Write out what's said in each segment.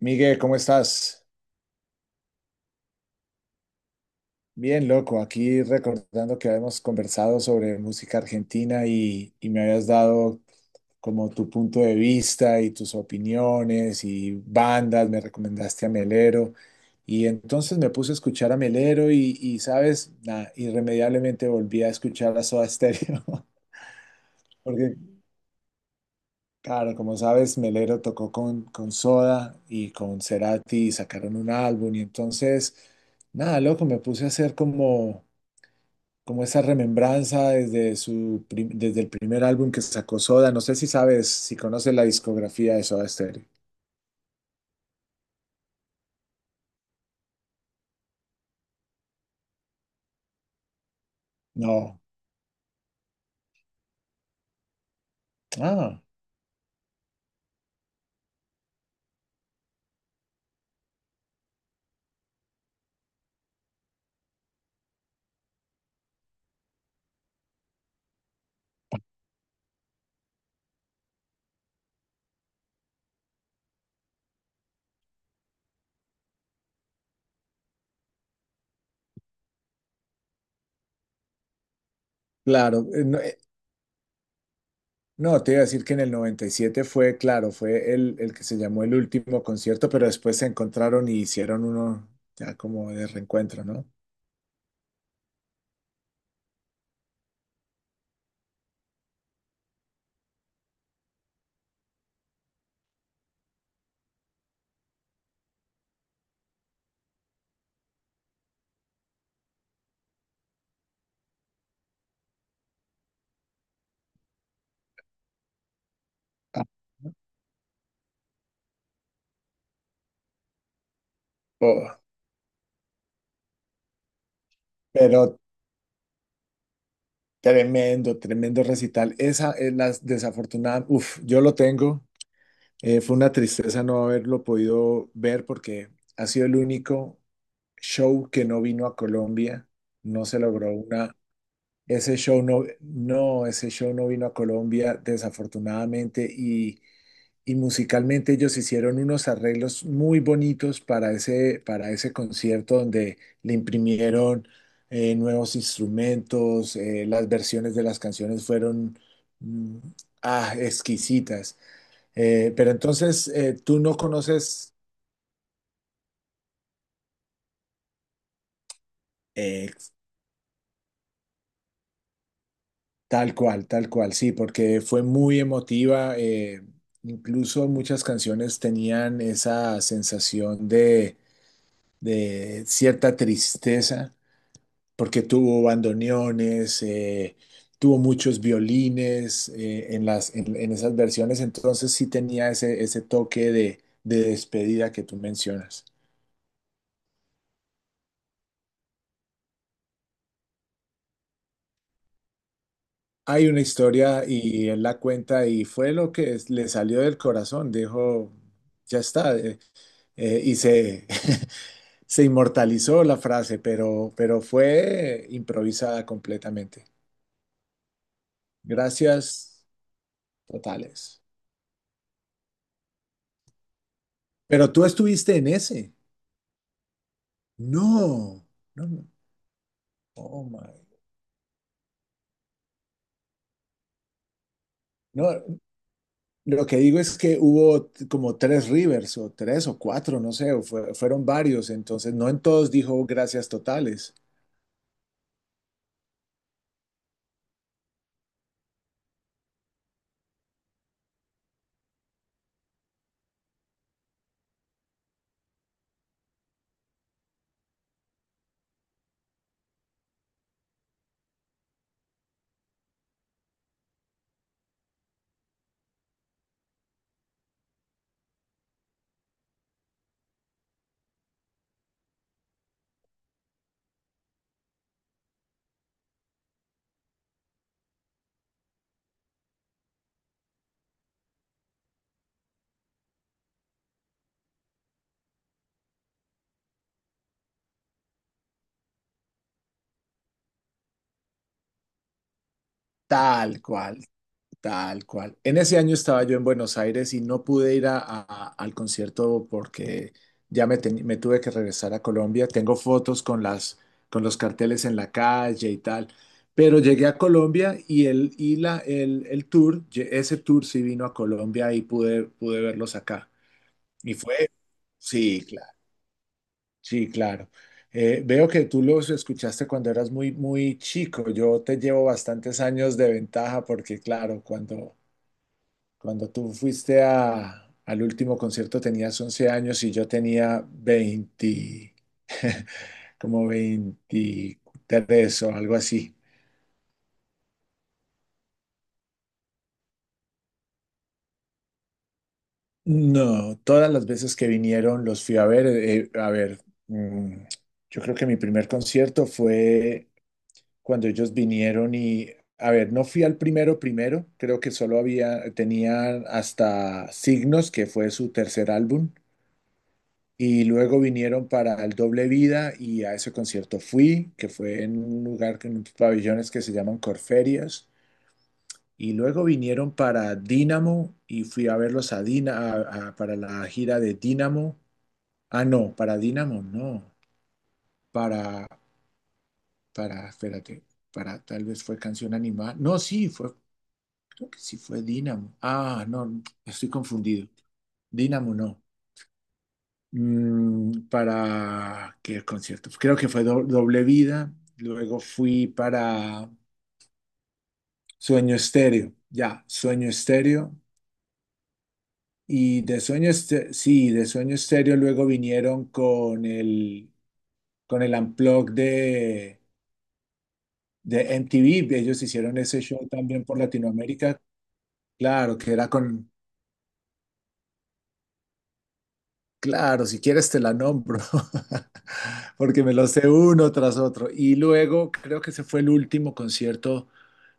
Miguel, ¿cómo estás? Bien, loco. Aquí recordando que habíamos conversado sobre música argentina y me habías dado como tu punto de vista y tus opiniones y bandas, me recomendaste a Melero. Y entonces me puse a escuchar a Melero ¿sabes? Nada, irremediablemente volví a escuchar a Soda Stereo. Porque, claro, como sabes, Melero tocó con Soda y con Cerati y sacaron un álbum. Y entonces, nada, loco, me puse a hacer como esa remembranza desde desde el primer álbum que sacó Soda. No sé si sabes, si conoces la discografía de Soda Stereo. No. Ah, claro. No, no, te iba a decir que en el 97 fue, claro, fue el que se llamó el último concierto, pero después se encontraron y hicieron uno ya como de reencuentro, ¿no? Ah, oh, pero tremendo, tremendo recital. Esa es la desafortunada. Uf, yo lo tengo. Fue una tristeza no haberlo podido ver porque ha sido el único show que no vino a Colombia. No se logró una. Ese show no, ese show no vino a Colombia, desafortunadamente. Y musicalmente ellos hicieron unos arreglos muy bonitos para para ese concierto donde le imprimieron nuevos instrumentos. Eh, las versiones de las canciones fueron mm, exquisitas. Pero entonces tú no conoces eh, tal cual, sí, porque fue muy emotiva. Eh, incluso muchas canciones tenían esa sensación de cierta tristeza, porque tuvo bandoneones, tuvo muchos violines en en esas versiones. Entonces sí tenía ese, ese toque de despedida que tú mencionas. Hay una historia y él la cuenta y fue lo que le salió del corazón, dijo, ya está, y se, se inmortalizó la frase, pero fue improvisada completamente. Gracias totales. Pero tú estuviste en ese. No, no, no, oh my. No, lo que digo es que hubo como tres Rivers o tres o cuatro, no sé, fueron varios, entonces no en todos dijo gracias totales. Tal cual. Tal cual. En ese año estaba yo en Buenos Aires y no pude ir al concierto porque ya me tuve que regresar a Colombia. Tengo fotos con con los carteles en la calle y tal. Pero llegué a Colombia y el, y la, el tour, ese tour sí vino a Colombia y pude verlos acá. Y fue, sí, claro, sí, claro. Veo que tú los escuchaste cuando eras muy, muy chico. Yo te llevo bastantes años de ventaja porque, claro, cuando... Cuando tú fuiste al último concierto tenías 11 años y yo tenía 20 como 23 o algo así. No, todas las veces que vinieron los fui a ver. Eh, a ver, mm, yo creo que mi primer concierto fue cuando ellos vinieron y, a ver, no fui al primero primero, creo que solo había, tenían hasta Signos, que fue su tercer álbum. Y luego vinieron para el Doble Vida y a ese concierto fui, que fue en un lugar, en unos pabellones que se llaman Corferias. Y luego vinieron para Dínamo y fui a verlos a para la gira de Dínamo. Ah, no, para Dínamo no. Para, para, espérate, para tal vez fue Canción Animal. No, sí, fue, creo que sí fue Dínamo. Ah, no, estoy confundido. Dínamo no. Para qué concierto. Creo que fue Doble Vida. Luego fui para Sueño Estéreo. Ya, Sueño Estéreo. Y de Sueño Estéreo, sí, de Sueño Estéreo luego vinieron con el Unplugged de MTV. Ellos hicieron ese show también por Latinoamérica. Claro, que era con, claro, si quieres te la nombro, porque me lo sé uno tras otro. Y luego creo que ese fue el último concierto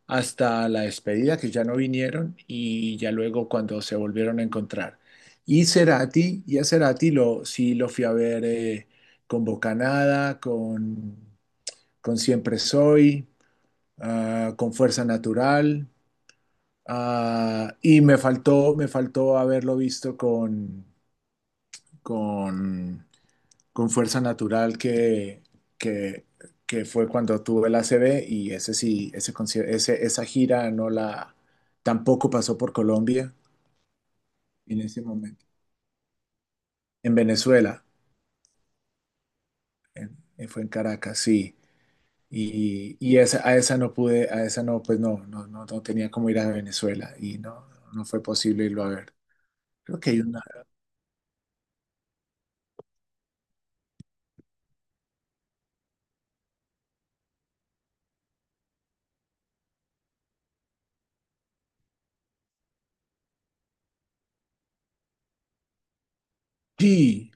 hasta la despedida, que ya no vinieron, y ya luego cuando se volvieron a encontrar. Y a Cerati sí lo fui a ver con Bocanada, con Siempre Soy, ah, con Fuerza Natural, ah, y me faltó haberlo visto con, con con Fuerza Natural que, que fue cuando tuve la A C B y ese sí, esa gira no la, tampoco pasó por Colombia en ese momento. En Venezuela, fue en Caracas, sí. Y esa, a esa no pude, a esa no, pues no, no, no, no tenía como ir a Venezuela y no, no fue posible irlo a ver. Creo que hay una. Sí,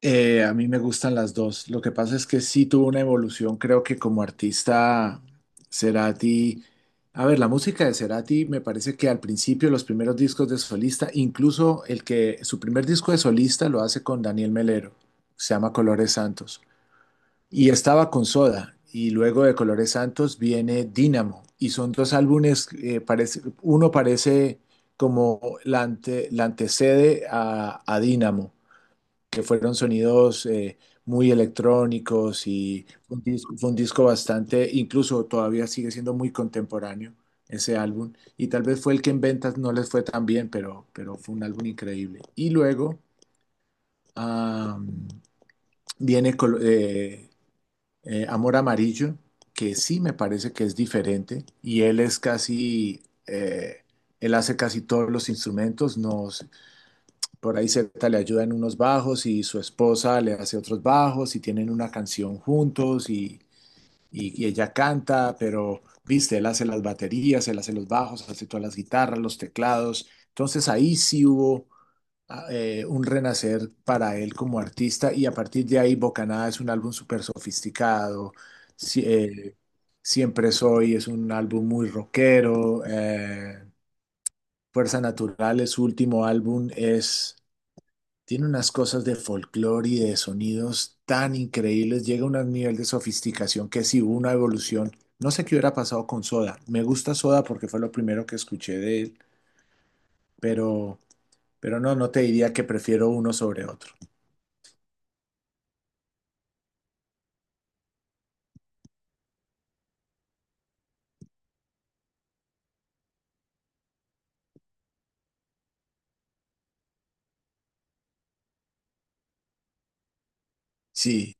eh, a mí me gustan las dos. Lo que pasa es que sí tuvo una evolución. Creo que como artista, Cerati. A ver, la música de Cerati me parece que al principio, los primeros discos de solista, incluso el que su primer disco de solista lo hace con Daniel Melero, se llama Colores Santos. Y estaba con Soda. Y luego de Colores Santos viene Dínamo. Y son dos álbumes, parece, uno parece como la antecede a Dínamo que fueron sonidos muy electrónicos y fue un disco bastante, incluso todavía sigue siendo muy contemporáneo ese álbum. Y tal vez fue el que en ventas no les fue tan bien, pero fue un álbum increíble. Y luego ah, viene Amor Amarillo, que sí me parece que es diferente y él es casi... él hace casi todos los instrumentos, no, por ahí Z le ayuda en unos bajos y su esposa le hace otros bajos y tienen una canción juntos y, y ella canta, pero, viste, él hace las baterías, él hace los bajos, hace todas las guitarras, los teclados. Entonces ahí sí hubo un renacer para él como artista y a partir de ahí Bocanada es un álbum súper sofisticado. Sí, Siempre Soy es un álbum muy rockero. Eh, Fuerza Natural su último álbum es tiene unas cosas de folclore y de sonidos tan increíbles, llega a un nivel de sofisticación que sí hubo una evolución. No sé qué hubiera pasado con Soda. Me gusta Soda porque fue lo primero que escuché de él, pero, pero no, no te diría que prefiero uno sobre otro. Sí,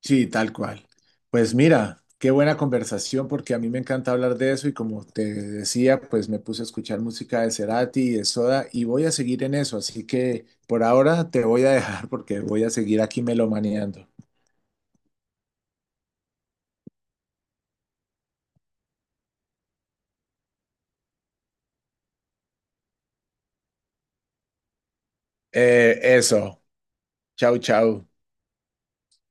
sí, tal cual. Pues mira, qué buena conversación porque a mí me encanta hablar de eso y como te decía, pues me puse a escuchar música de Cerati y de Soda y voy a seguir en eso, así que por ahora te voy a dejar porque voy a seguir aquí melomaneando. Eso, chau, chau.